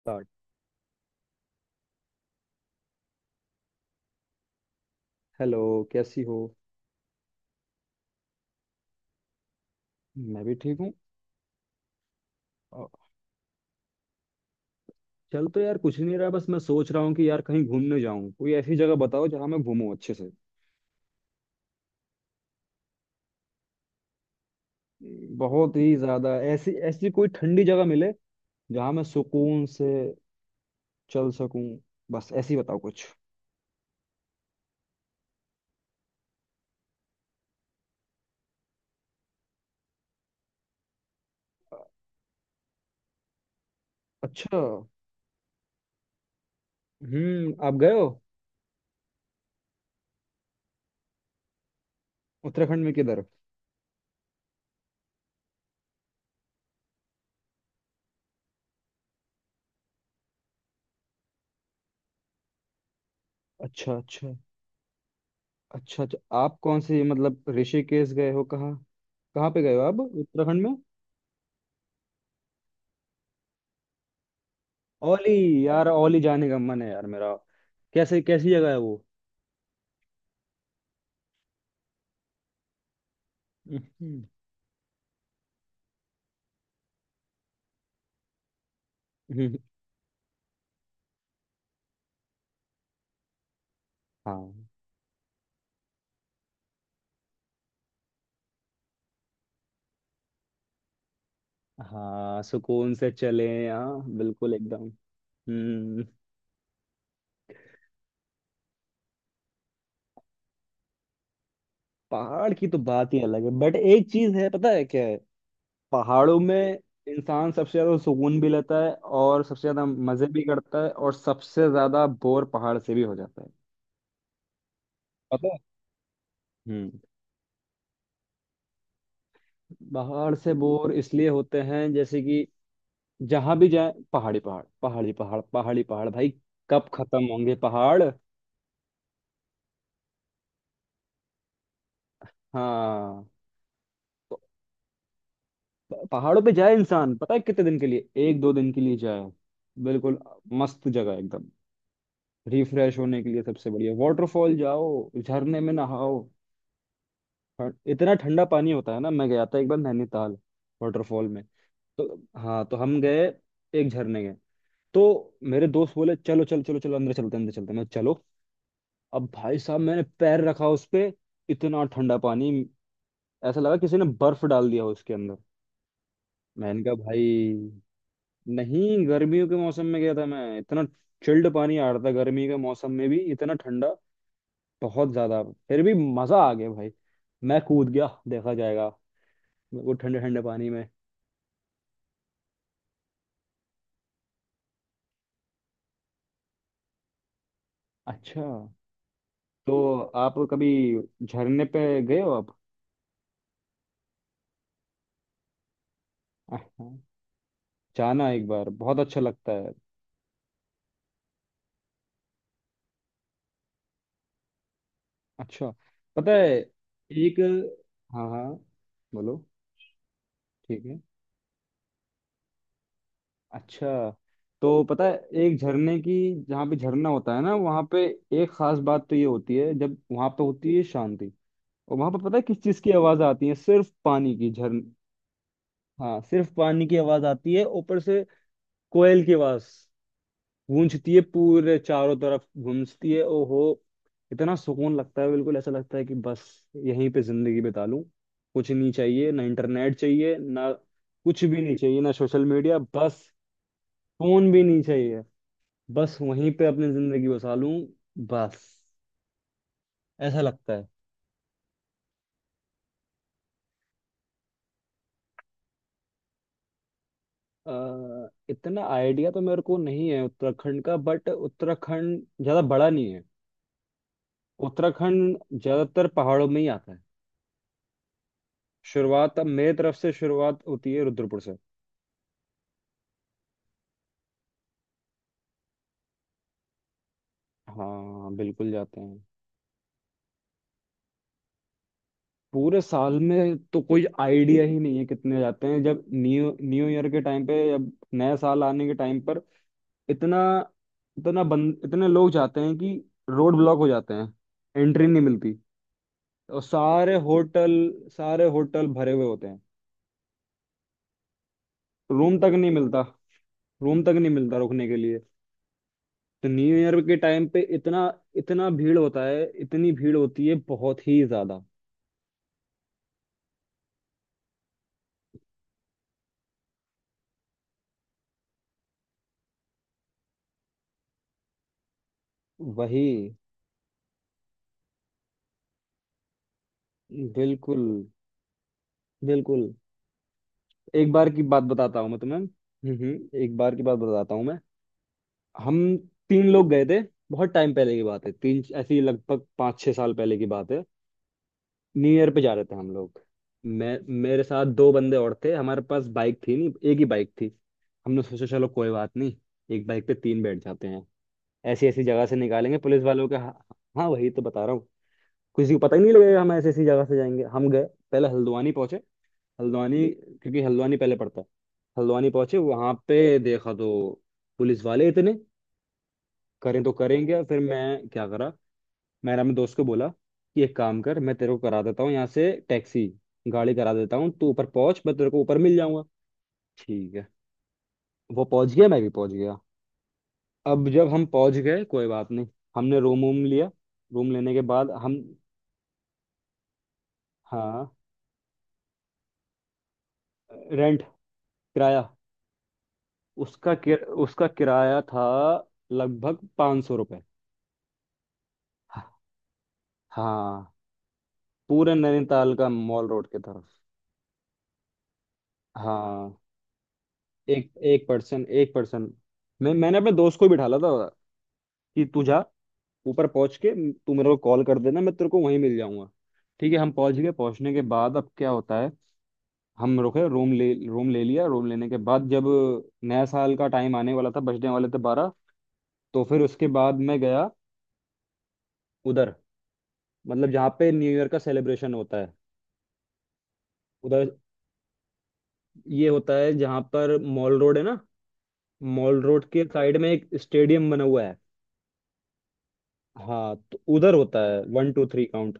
Start. Hello. कैसी हो? मैं भी ठीक हूँ। अ, चल तो यार कुछ नहीं रहा, बस मैं सोच रहा हूँ कि यार कहीं घूमने जाऊँ। कोई ऐसी जगह बताओ जहाँ मैं घूमूं अच्छे से। बहुत ही ज्यादा, ऐसी ऐसी कोई ठंडी जगह मिले जहाँ मैं सुकून से चल सकूं। बस ऐसी बताओ कुछ। अच्छा। हम्म, आप गए हो? उत्तराखंड में किधर? अच्छा अच्छा। अच्छा अच्छा, आप कौन से मतलब ऋषिकेश गए हो, कहाँ? कहाँ पे गए हो आप उत्तराखंड में? ओली। यार ओली जाने का मन है यार मेरा। कैसे, कैसी जगह है वो? हम्म, हाँ हाँ, सुकून से चले, हाँ बिल्कुल एकदम। हम्म। पहाड़ की तो बात ही अलग है, बट एक चीज है, पता है क्या है? पहाड़ों में इंसान सबसे ज्यादा सुकून भी लेता है, और सबसे ज्यादा मजे भी करता है, और सबसे ज्यादा बोर पहाड़ से भी हो जाता है। पता है। हम्म। पहाड़ से बोर इसलिए होते हैं जैसे कि जहां भी जाए पहाड़ी पहाड़ पहाड़ी पहाड़ पहाड़ी पहाड़, भाई कब खत्म होंगे पहाड़। हाँ। तो पहाड़ों पे जाए इंसान, पता है कितने दिन के लिए, एक दो दिन के लिए जाए। बिल्कुल मस्त जगह है एकदम, रिफ्रेश होने के लिए सबसे बढ़िया। वाटरफॉल जाओ, झरने में नहाओ। इतना ठंडा पानी होता है ना। मैं गया था एक बार नैनीताल वाटरफॉल में। तो हाँ, तो हम गए, एक झरने गए। तो मेरे दोस्त बोले चलो चलो चलो चलो अंदर चलते हैं, अंदर चलते हैं। मैं चलो। अब भाई साहब, मैंने पैर रखा उस पे, इतना ठंडा पानी, ऐसा लगा किसी ने बर्फ डाल दिया हो उसके अंदर। मैंने कहा भाई, नहीं गर्मियों के मौसम में गया था मैं, इतना चिल्ड पानी आ रहा था, गर्मी के मौसम में भी इतना ठंडा, बहुत ज्यादा। फिर भी मजा आ गया भाई, मैं कूद गया, देखा जाएगा, वो ठंडे ठंडे पानी में। अच्छा तो आप कभी झरने पे गए हो आप? हाँ, जाना एक बार बहुत अच्छा लगता है। अच्छा, पता है एक, हाँ हाँ बोलो। ठीक है। अच्छा, तो पता है एक झरने की, जहाँ पे झरना होता है ना, वहाँ पे एक खास बात तो ये होती है, जब वहाँ पे होती है शांति। और वहाँ पे पता है किस चीज़ की आवाज़ आती है? सिर्फ पानी की झरन। हाँ सिर्फ पानी की आवाज़ आती है ऊपर से, कोयल की आवाज़ गूंजती है पूरे, चारों तरफ गूंजती है, ओहो। इतना सुकून लगता है, बिल्कुल ऐसा लगता है कि बस यहीं पे जिंदगी बिता लूं, कुछ नहीं चाहिए, ना इंटरनेट चाहिए, ना कुछ भी नहीं चाहिए, ना सोशल मीडिया, बस फोन भी नहीं चाहिए। बस वहीं पे अपनी जिंदगी बसा लूं, बस ऐसा लगता है। इतना आइडिया तो मेरे को नहीं है उत्तराखंड का, बट उत्तराखंड ज्यादा बड़ा नहीं है। उत्तराखंड ज्यादातर पहाड़ों में ही आता है। शुरुआत अब मेरे तरफ से शुरुआत होती है रुद्रपुर से। हाँ बिल्कुल जाते हैं। पूरे साल में तो कोई आइडिया ही नहीं है कितने जाते हैं। जब न्यू न्यू ईयर के टाइम पे, जब नया साल आने के टाइम पर, इतना इतना बंद इतने लोग जाते हैं कि रोड ब्लॉक हो जाते हैं, एंट्री नहीं मिलती, और सारे होटल, सारे होटल भरे हुए होते हैं, रूम तक नहीं मिलता, रूम तक नहीं मिलता रुकने के लिए। तो न्यू ईयर के टाइम पे इतना इतना भीड़ होता है, इतनी भीड़ होती है बहुत ही ज्यादा। वही, बिल्कुल बिल्कुल। एक बार की बात बताता हूँ मैं तुम्हें, एक बार की बात बताता हूँ मैं। हम तीन लोग गए थे, बहुत टाइम पहले की बात है, तीन ऐसी लगभग 5-6 साल पहले की बात है। न्यू ईयर पे जा रहे थे हम लोग। मैं, मेरे साथ दो बंदे और थे। हमारे पास बाइक थी, नहीं एक ही बाइक थी। हमने सोचा चलो कोई बात नहीं, एक बाइक पे तीन बैठ जाते हैं। ऐसी ऐसी जगह से निकालेंगे पुलिस वालों के। हाँ, हाँ वही तो बता रहा हूँ। किसी को पता ही नहीं लगेगा, हम ऐसी ऐसी जगह से जाएंगे। हम गए, पहले हल्द्वानी पहुंचे। हल्द्वानी, क्योंकि हल्द्वानी पहले पड़ता है। हल्द्वानी पहुंचे, वहां पे देखा तो पुलिस वाले इतने, करें तो करेंगे, फिर मैं क्या करा? मैंने अपने दोस्त को बोला कि एक काम कर, मैं तेरे को करा देता हूँ यहाँ से टैक्सी, गाड़ी करा देता हूँ, तू ऊपर पहुंच मैं तेरे को ऊपर मिल जाऊंगा। ठीक है। वो पहुंच गया, मैं भी पहुंच गया। अब जब हम पहुंच गए कोई बात नहीं, हमने रूम वूम लिया, रूम लेने के बाद हम। हाँ। रेंट। किराया। उसका किराया था लगभग 500 रुपये। हाँ पूरे नैनीताल का मॉल रोड की तरफ। हाँ, एक एक पर्सन, एक पर्सन। मैंने अपने दोस्त को ही बिठा ला था कि तू जा, ऊपर पहुंच के तू मेरे को कॉल कर देना, मैं तेरे को वहीं मिल जाऊंगा। ठीक है, हम पहुंच गए। पहुंचने के बाद अब क्या होता है, हम रुके, रूम ले लिया। रूम लेने के बाद जब नया साल का टाइम आने वाला था, बजने वाले थे 12। तो फिर उसके बाद मैं गया उधर, मतलब जहाँ पे न्यू ईयर का सेलिब्रेशन होता है। उधर ये होता है जहाँ पर मॉल रोड है ना, मॉल रोड के साइड में एक स्टेडियम बना हुआ है। हाँ, तो उधर होता है वन टू थ्री काउंट,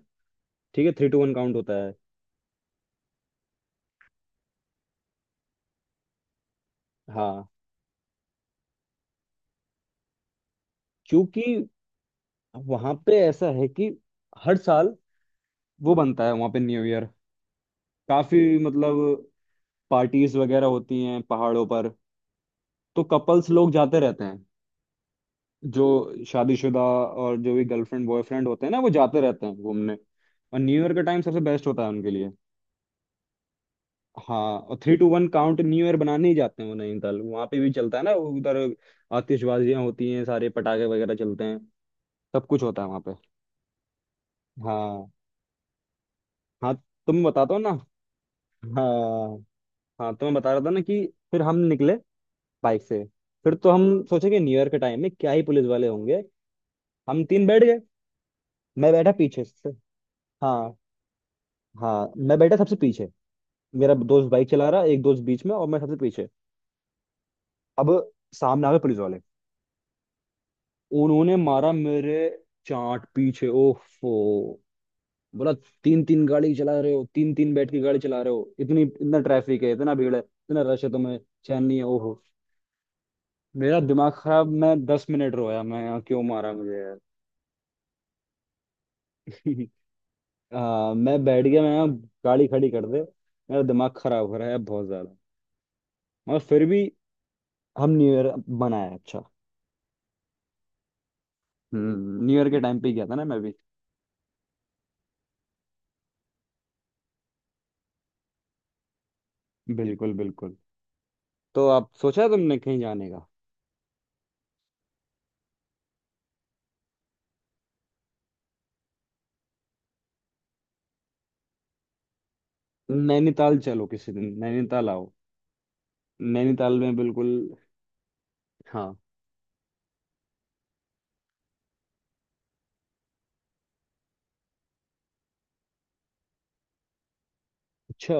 ठीक है थ्री टू वन काउंट होता है। हाँ, क्योंकि वहां पे ऐसा है कि हर साल वो बनता है, वहां पे न्यू ईयर काफी मतलब पार्टीज वगैरह होती हैं पहाड़ों पर। तो कपल्स लोग जाते रहते हैं, जो शादीशुदा और जो भी गर्लफ्रेंड बॉयफ्रेंड होते हैं ना वो जाते रहते हैं घूमने। और न्यू ईयर का टाइम सबसे बेस्ट होता है उनके लिए। हाँ और three two one count new year बनाने ही जाते हैं वो नैनीताल, वहां पे भी चलता है ना वो उधर। आतिशबाजियां होती हैं, सारे पटाखे वगैरह चलते हैं, सब कुछ होता है वहां पे। हाँ हाँ। तुम बताता हो ना, हाँ हाँ तो मैं बता रहा था ना कि फिर हम निकले बाइक से। फिर तो हम सोचे कि न्यू ईयर के टाइम में क्या ही पुलिस वाले होंगे। हम तीन बैठ गए, मैं बैठा पीछे से। हाँ हाँ, मैं बैठा सबसे पीछे, मेरा दोस्त बाइक चला रहा, एक दोस्त बीच में और मैं सबसे पीछे। अब सामने आ गए पुलिस वाले। उन्होंने मारा मेरे चाट पीछे, ओफो। बोला तीन तीन गाड़ी चला रहे हो, तीन तीन बैठ के गाड़ी चला रहे हो, इतनी इतना ट्रैफिक है, इतना भीड़ है, इतना रश है, तुम्हें चैन नहीं है? ओहो मेरा दिमाग खराब, मैं 10 मिनट रोया, मैं यहाँ क्यों मारा मुझे यार। मैं बैठ गया, मैं यहाँ गाड़ी खड़ी कर दे, मेरा दिमाग खराब हो रहा है बहुत ज्यादा। मगर फिर भी हम न्यू ईयर बनाया अच्छा। हम्म, न्यू ईयर के टाइम पे ही गया था ना मैं भी। बिल्कुल बिल्कुल। तो आप सोचा तुमने कहीं जाने का? नैनीताल चलो, किसी दिन नैनीताल आओ। नैनीताल में बिल्कुल। हाँ। अच्छा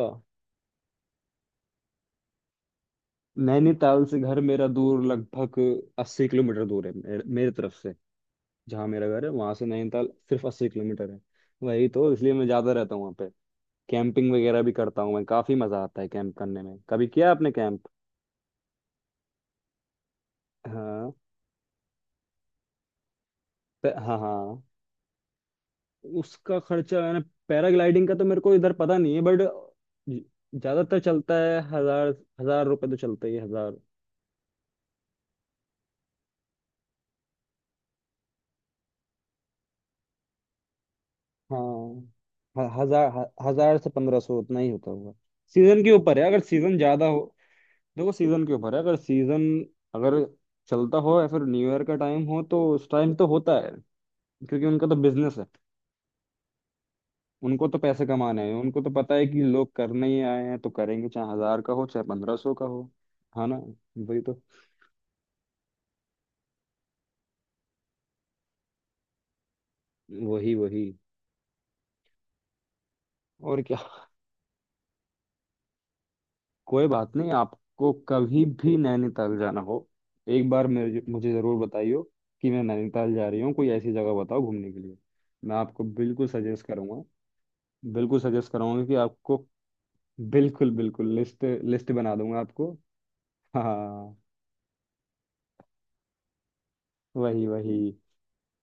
नैनीताल से घर मेरा दूर, लगभग 80 किलोमीटर दूर है, मेरे तरफ से। जहाँ मेरा घर है वहां से नैनीताल सिर्फ 80 किलोमीटर है। वही तो, इसलिए मैं ज्यादा रहता हूँ वहाँ पे। कैंपिंग वगैरह भी करता हूँ मैं, काफी मजा आता है कैंप करने में। कभी किया आपने कैंप? हाँ। हाँ हाँ। उसका खर्चा मैंने, पैराग्लाइडिंग का तो मेरे को इधर पता नहीं है, बट ज्यादातर चलता है हजार, 1,000 रुपए तो चलता ही है हजार। हाँ हजार हजार से 1,500, उतना ही होता होगा। सीजन के ऊपर है, अगर सीजन ज्यादा हो। देखो सीजन के ऊपर है अगर सीजन, अगर चलता हो या फिर न्यू ईयर का टाइम हो तो उस टाइम तो होता है। क्योंकि उनका तो बिजनेस है, उनको तो पैसे कमाने हैं। उनको तो पता है कि लोग करने ही आए हैं तो करेंगे, चाहे हजार का हो चाहे 1,500 का हो, है ना? वही तो, वही वही, और क्या। कोई बात नहीं, आपको कभी भी नैनीताल जाना हो, एक बार मेरे, मुझे ज़रूर बताइयो कि मैं नैनीताल जा रही हूँ, कोई ऐसी जगह बताओ घूमने के लिए, मैं आपको बिल्कुल सजेस्ट करूँगा। बिल्कुल सजेस्ट कराऊंगा कि आपको, बिल्कुल बिल्कुल लिस्ट, लिस्ट बना दूंगा आपको। हाँ। वही वही।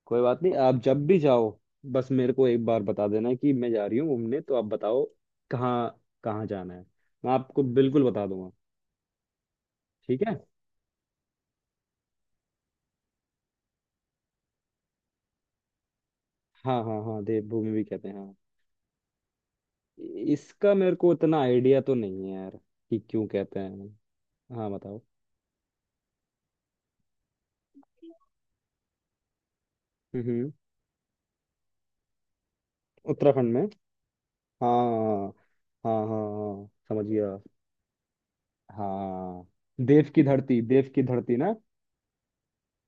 कोई बात नहीं आप जब भी जाओ, बस मेरे को एक बार बता देना कि मैं जा रही हूँ घूमने तो, आप बताओ कहाँ, कहाँ जाना है, मैं आपको बिल्कुल बता दूंगा। ठीक है। हाँ हाँ हाँ देवभूमि भी कहते हैं हाँ। इसका मेरे को उतना आइडिया तो नहीं है यार कि क्यों कहते हैं। हाँ बताओ। हम्म उत्तराखंड में। हाँ हाँ हाँ हाँ, समझ गया। हाँ देव की धरती, देव की धरती ना।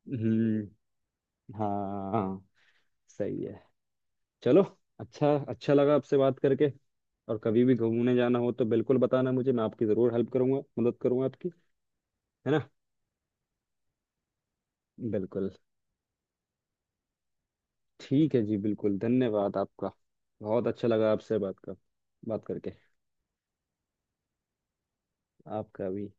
हम्म। हाँ सही है। चलो। अच्छा, अच्छा लगा आपसे बात करके। और कभी भी घूमने जाना हो तो बिल्कुल बताना मुझे, मैं आपकी जरूर हेल्प करूंगा, मदद करूंगा आपकी, है ना? बिल्कुल। ठीक है जी, बिल्कुल, धन्यवाद आपका। बहुत अच्छा लगा आपसे बात कर, बात करके। आपका भी।